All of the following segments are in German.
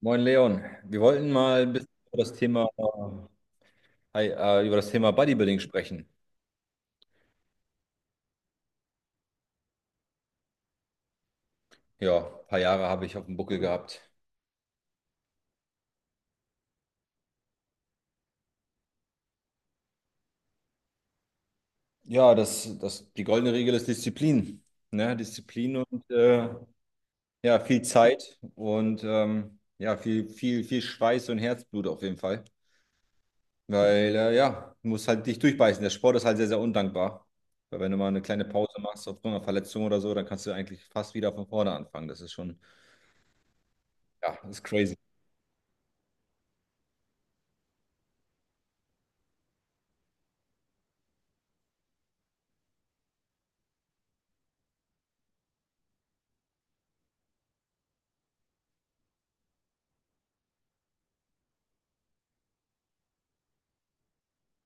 Moin Leon, wir wollten mal ein bisschen über das Thema, Hi, über das Thema Bodybuilding sprechen. Ja, ein paar Jahre habe ich auf dem Buckel gehabt. Ja, die goldene Regel ist Disziplin. Ne? Disziplin und ja, viel Zeit und ja, viel, viel, viel Schweiß und Herzblut auf jeden Fall. Weil ja, du musst halt dich durchbeißen. Der Sport ist halt sehr, sehr undankbar. Weil wenn du mal eine kleine Pause machst aufgrund einer Verletzung oder so, dann kannst du eigentlich fast wieder von vorne anfangen. Das ist schon, ja, das ist crazy.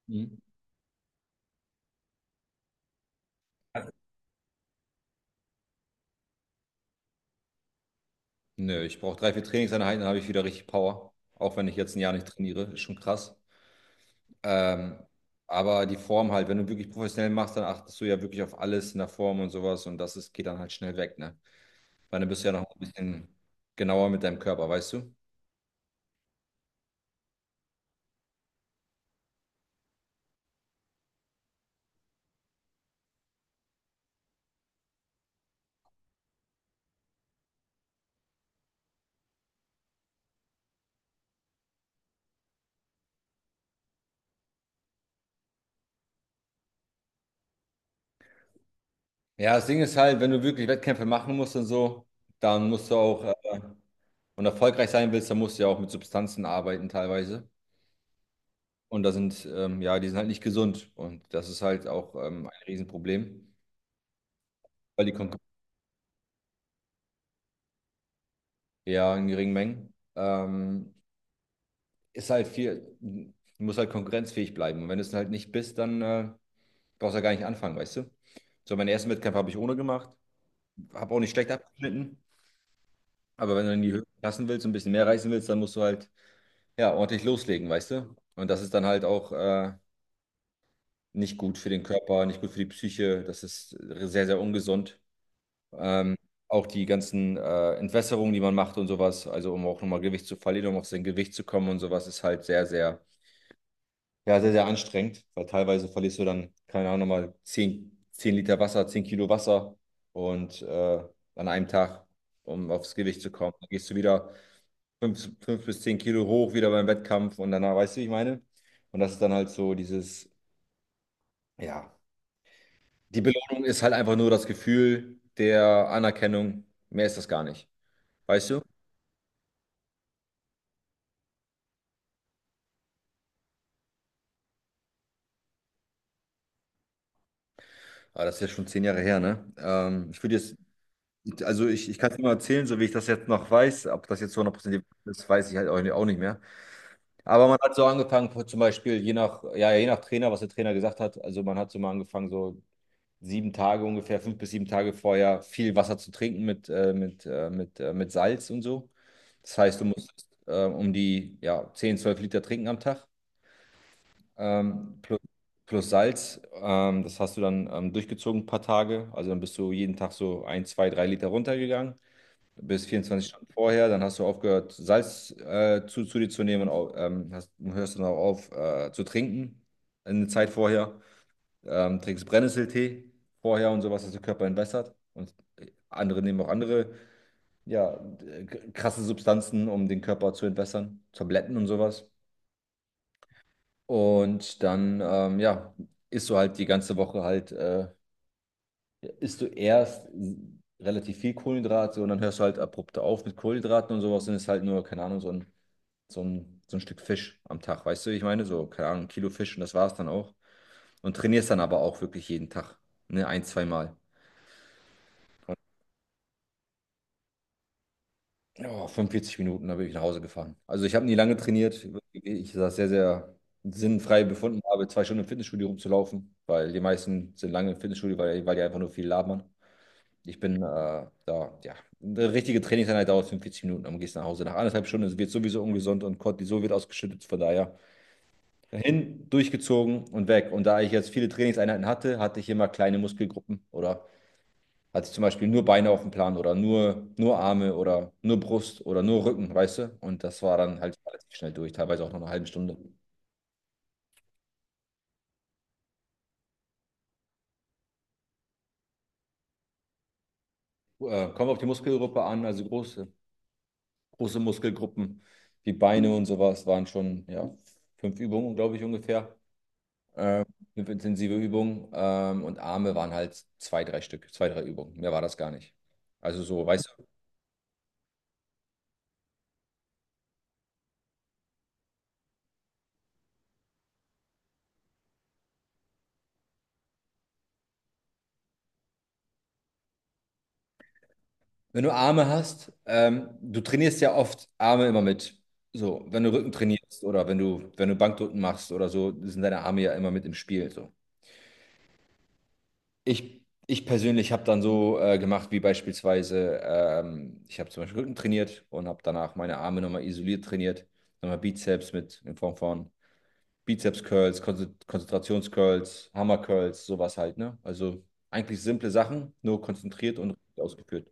Mhm. Nö, ich brauche drei, vier Trainingseinheiten, dann habe ich wieder richtig Power. Auch wenn ich jetzt ein Jahr nicht trainiere, ist schon krass. Ähm, aber die Form halt, wenn du wirklich professionell machst, dann achtest du ja wirklich auf alles in der Form und sowas und das ist, geht dann halt schnell weg, ne? Weil dann bist du ja noch ein bisschen genauer mit deinem Körper, weißt du? Ja, das Ding ist halt, wenn du wirklich Wettkämpfe machen musst und so, dann musst du auch, und erfolgreich sein willst, dann musst du ja auch mit Substanzen arbeiten teilweise. Und da sind, ja, die sind halt nicht gesund und das ist halt auch ein Riesenproblem, weil die Konkurrenz. Ja, in geringen Mengen. Ist halt viel, du musst halt konkurrenzfähig bleiben. Und wenn du es halt nicht bist, dann brauchst du ja gar nicht anfangen, weißt du? So, meinen ersten Wettkampf habe ich ohne gemacht, habe auch nicht schlecht abgeschnitten. Aber wenn du in die Höhe passen willst und ein bisschen mehr reißen willst, dann musst du halt ja ordentlich loslegen, weißt du? Und das ist dann halt auch nicht gut für den Körper, nicht gut für die Psyche. Das ist sehr, sehr ungesund. Ähm, Auch die ganzen Entwässerungen, die man macht und sowas, also um auch nochmal Gewicht zu verlieren, um auf sein Gewicht zu kommen und sowas, ist halt sehr, sehr. Ja, sehr, sehr anstrengend, weil teilweise verlierst du dann, keine Ahnung, nochmal zehn Liter Wasser, 10 Kilo Wasser und an einem Tag, um aufs Gewicht zu kommen. Dann gehst du wieder fünf bis 10 Kilo hoch, wieder beim Wettkampf und danach, weißt du, wie ich meine? Und das ist dann halt so dieses, ja, die Belohnung ist halt einfach nur das Gefühl der Anerkennung, mehr ist das gar nicht, weißt du? Aber das ist ja schon 10 Jahre her, ne? Ich würde jetzt, also ich kann es nur erzählen, so wie ich das jetzt noch weiß, ob das jetzt 100% ist, weiß ich halt auch nicht mehr. Aber man hat so angefangen, zum Beispiel je nach, ja, je nach Trainer, was der Trainer gesagt hat. Also man hat so mal angefangen, so 7 Tage ungefähr, 5 bis 7 Tage vorher viel Wasser zu trinken mit Salz und so. Das heißt, du musstest um die ja, 10, 12 Liter trinken am Tag plus, Salz. Das hast du dann durchgezogen ein paar Tage. Also dann bist du jeden Tag so ein, zwei, drei Liter runtergegangen bis 24 Stunden vorher, dann hast du aufgehört, Salz zu dir zu nehmen und hörst dann auch auf zu trinken eine Zeit vorher, trinkst Brennnesseltee vorher und sowas, dass der Körper entwässert und andere nehmen auch andere, ja, äh, krasse Substanzen, um den Körper zu entwässern, Tabletten und sowas und dann, ja, isst du halt die ganze Woche halt, isst du erst relativ viel Kohlenhydrate und dann hörst du halt abrupt auf mit Kohlenhydraten und sowas und ist halt nur, keine Ahnung, so ein Stück Fisch am Tag, weißt du, wie ich meine? So, keine Ahnung, ein Kilo Fisch und das war's dann auch. Und trainierst dann aber auch wirklich jeden Tag, ne, ein, zweimal. Ja, 45 Minuten, da bin ich nach Hause gefahren. Also ich habe nie lange trainiert. Ich das sehr, sehr sinnfrei befunden habe, 2 Stunden im Fitnessstudio rumzulaufen, weil die meisten sind lange im Fitnessstudio, weil die einfach nur viel labern. Ich bin da, ja, eine richtige Trainingseinheit dauert 45 Minuten, dann gehst du nach Hause. Nach anderthalb Stunden wird sowieso ungesund und Cortisol wird ausgeschüttet, von daher. Hin, durchgezogen und weg. Und da ich jetzt viele Trainingseinheiten hatte, hatte ich immer kleine Muskelgruppen oder hatte ich zum Beispiel nur Beine auf dem Plan oder nur Arme oder nur Brust oder nur Rücken, weißt du? Und das war dann halt relativ schnell durch, teilweise auch nach einer halben Stunde. Kommen wir auf die Muskelgruppe an, also große, große Muskelgruppen wie Beine und sowas waren schon, ja, fünf Übungen, glaube ich, ungefähr. Fünf intensive Übungen. Und Arme waren halt zwei, drei Stück, zwei, drei Übungen. Mehr war das gar nicht. Also so, weißt Wenn du Arme hast, du trainierst ja oft Arme immer mit. So, wenn du Rücken trainierst oder wenn du Bankdrücken machst oder so, sind deine Arme ja immer mit im Spiel. So. Ich persönlich habe dann so gemacht, wie beispielsweise, ich habe zum Beispiel Rücken trainiert und habe danach meine Arme nochmal isoliert trainiert, nochmal Bizeps mit in Form von Bizeps-Curls, Konzentrations-Curls, Hammer-Curls, sowas halt, ne? Also eigentlich simple Sachen, nur konzentriert und richtig ausgeführt.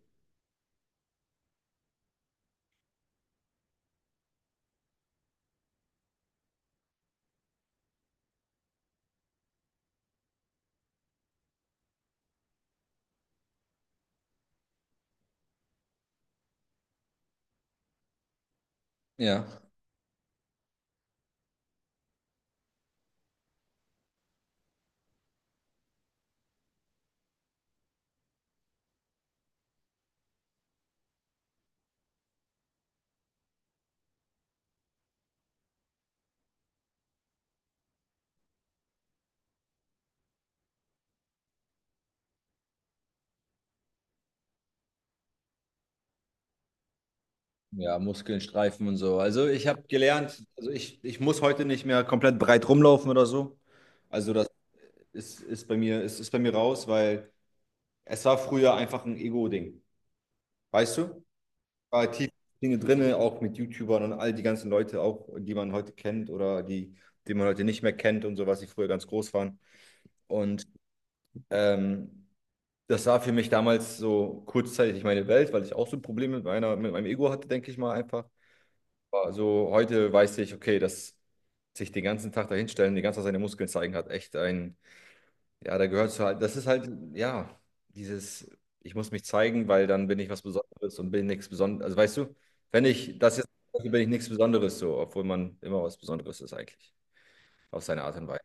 Ja. Ja, Muskeln streifen und so. Also ich habe gelernt, also ich muss heute nicht mehr komplett breit rumlaufen oder so. Also das ist bei mir, ist bei mir raus, weil es war früher einfach ein Ego-Ding. Weißt du? War tief Dinge drin, auch mit YouTubern und all die ganzen Leute, auch die man heute kennt oder die, die man heute nicht mehr kennt und so, was die früher ganz groß waren. Und ähm, das war für mich damals so kurzzeitig meine Welt, weil ich auch so Probleme mit meinem Ego hatte, denke ich mal einfach. Also heute weiß ich, okay, dass sich den ganzen Tag dahinstellen, die ganze Zeit seine Muskeln zeigen, hat echt ein, ja, da gehört zu halt, das ist halt, ja, dieses, ich muss mich zeigen, weil dann bin ich was Besonderes und bin nichts Besonderes. Also weißt du, wenn ich das jetzt, mache, bin ich nichts Besonderes so, obwohl man immer was Besonderes ist eigentlich, auf seine Art und Weise.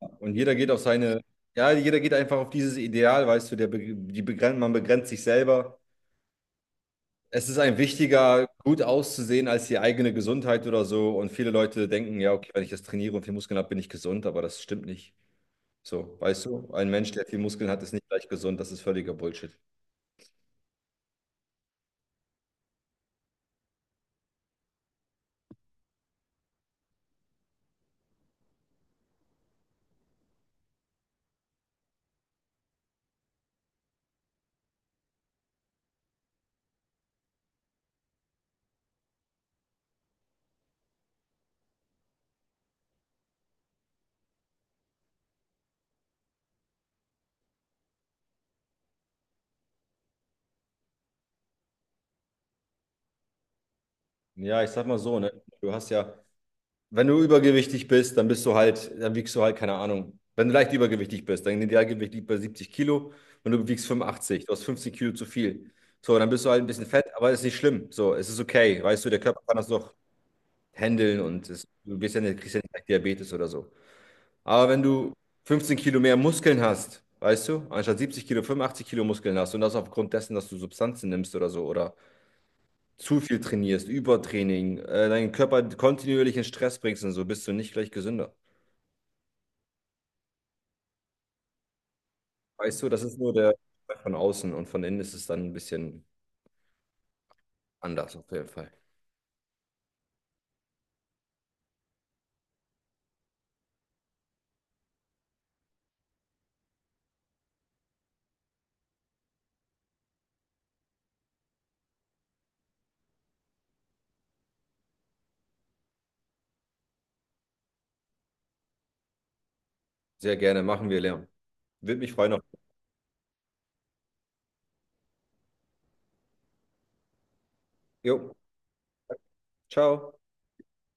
Und jeder geht auf seine, ja, jeder geht einfach auf dieses Ideal, weißt du, die begrenzt, man begrenzt sich selber. Es ist ein wichtiger, gut auszusehen als die eigene Gesundheit oder so. Und viele Leute denken, ja, okay, wenn ich das trainiere und viel Muskeln habe, bin ich gesund, aber das stimmt nicht. So, weißt du, ein Mensch, der viel Muskeln hat, ist nicht gleich gesund. Das ist völliger Bullshit. Ja, ich sag mal so, ne? Du hast ja, wenn du übergewichtig bist, dann bist du halt, dann wiegst du halt, keine Ahnung. Wenn du leicht übergewichtig bist, dein Idealgewicht liegt bei 70 Kilo und du wiegst 85, du hast 15 Kilo zu viel. So, dann bist du halt ein bisschen fett, aber ist nicht schlimm. So, es ist okay, weißt du, der Körper kann das doch handeln und es, du bist ja nicht, kriegst ja nicht gleich Diabetes oder so. Aber wenn du 15 Kilo mehr Muskeln hast, weißt du, anstatt 70 Kilo, 85 Kilo Muskeln hast und das aufgrund dessen, dass du Substanzen nimmst oder so oder zu viel trainierst, Übertraining, deinen Körper kontinuierlich in Stress bringst und so, bist du nicht gleich gesünder. Weißt du, das ist nur der von außen und von innen ist es dann ein bisschen anders auf jeden Fall. Sehr gerne, machen wir Lärm. Würde mich freuen. Jo, ciao.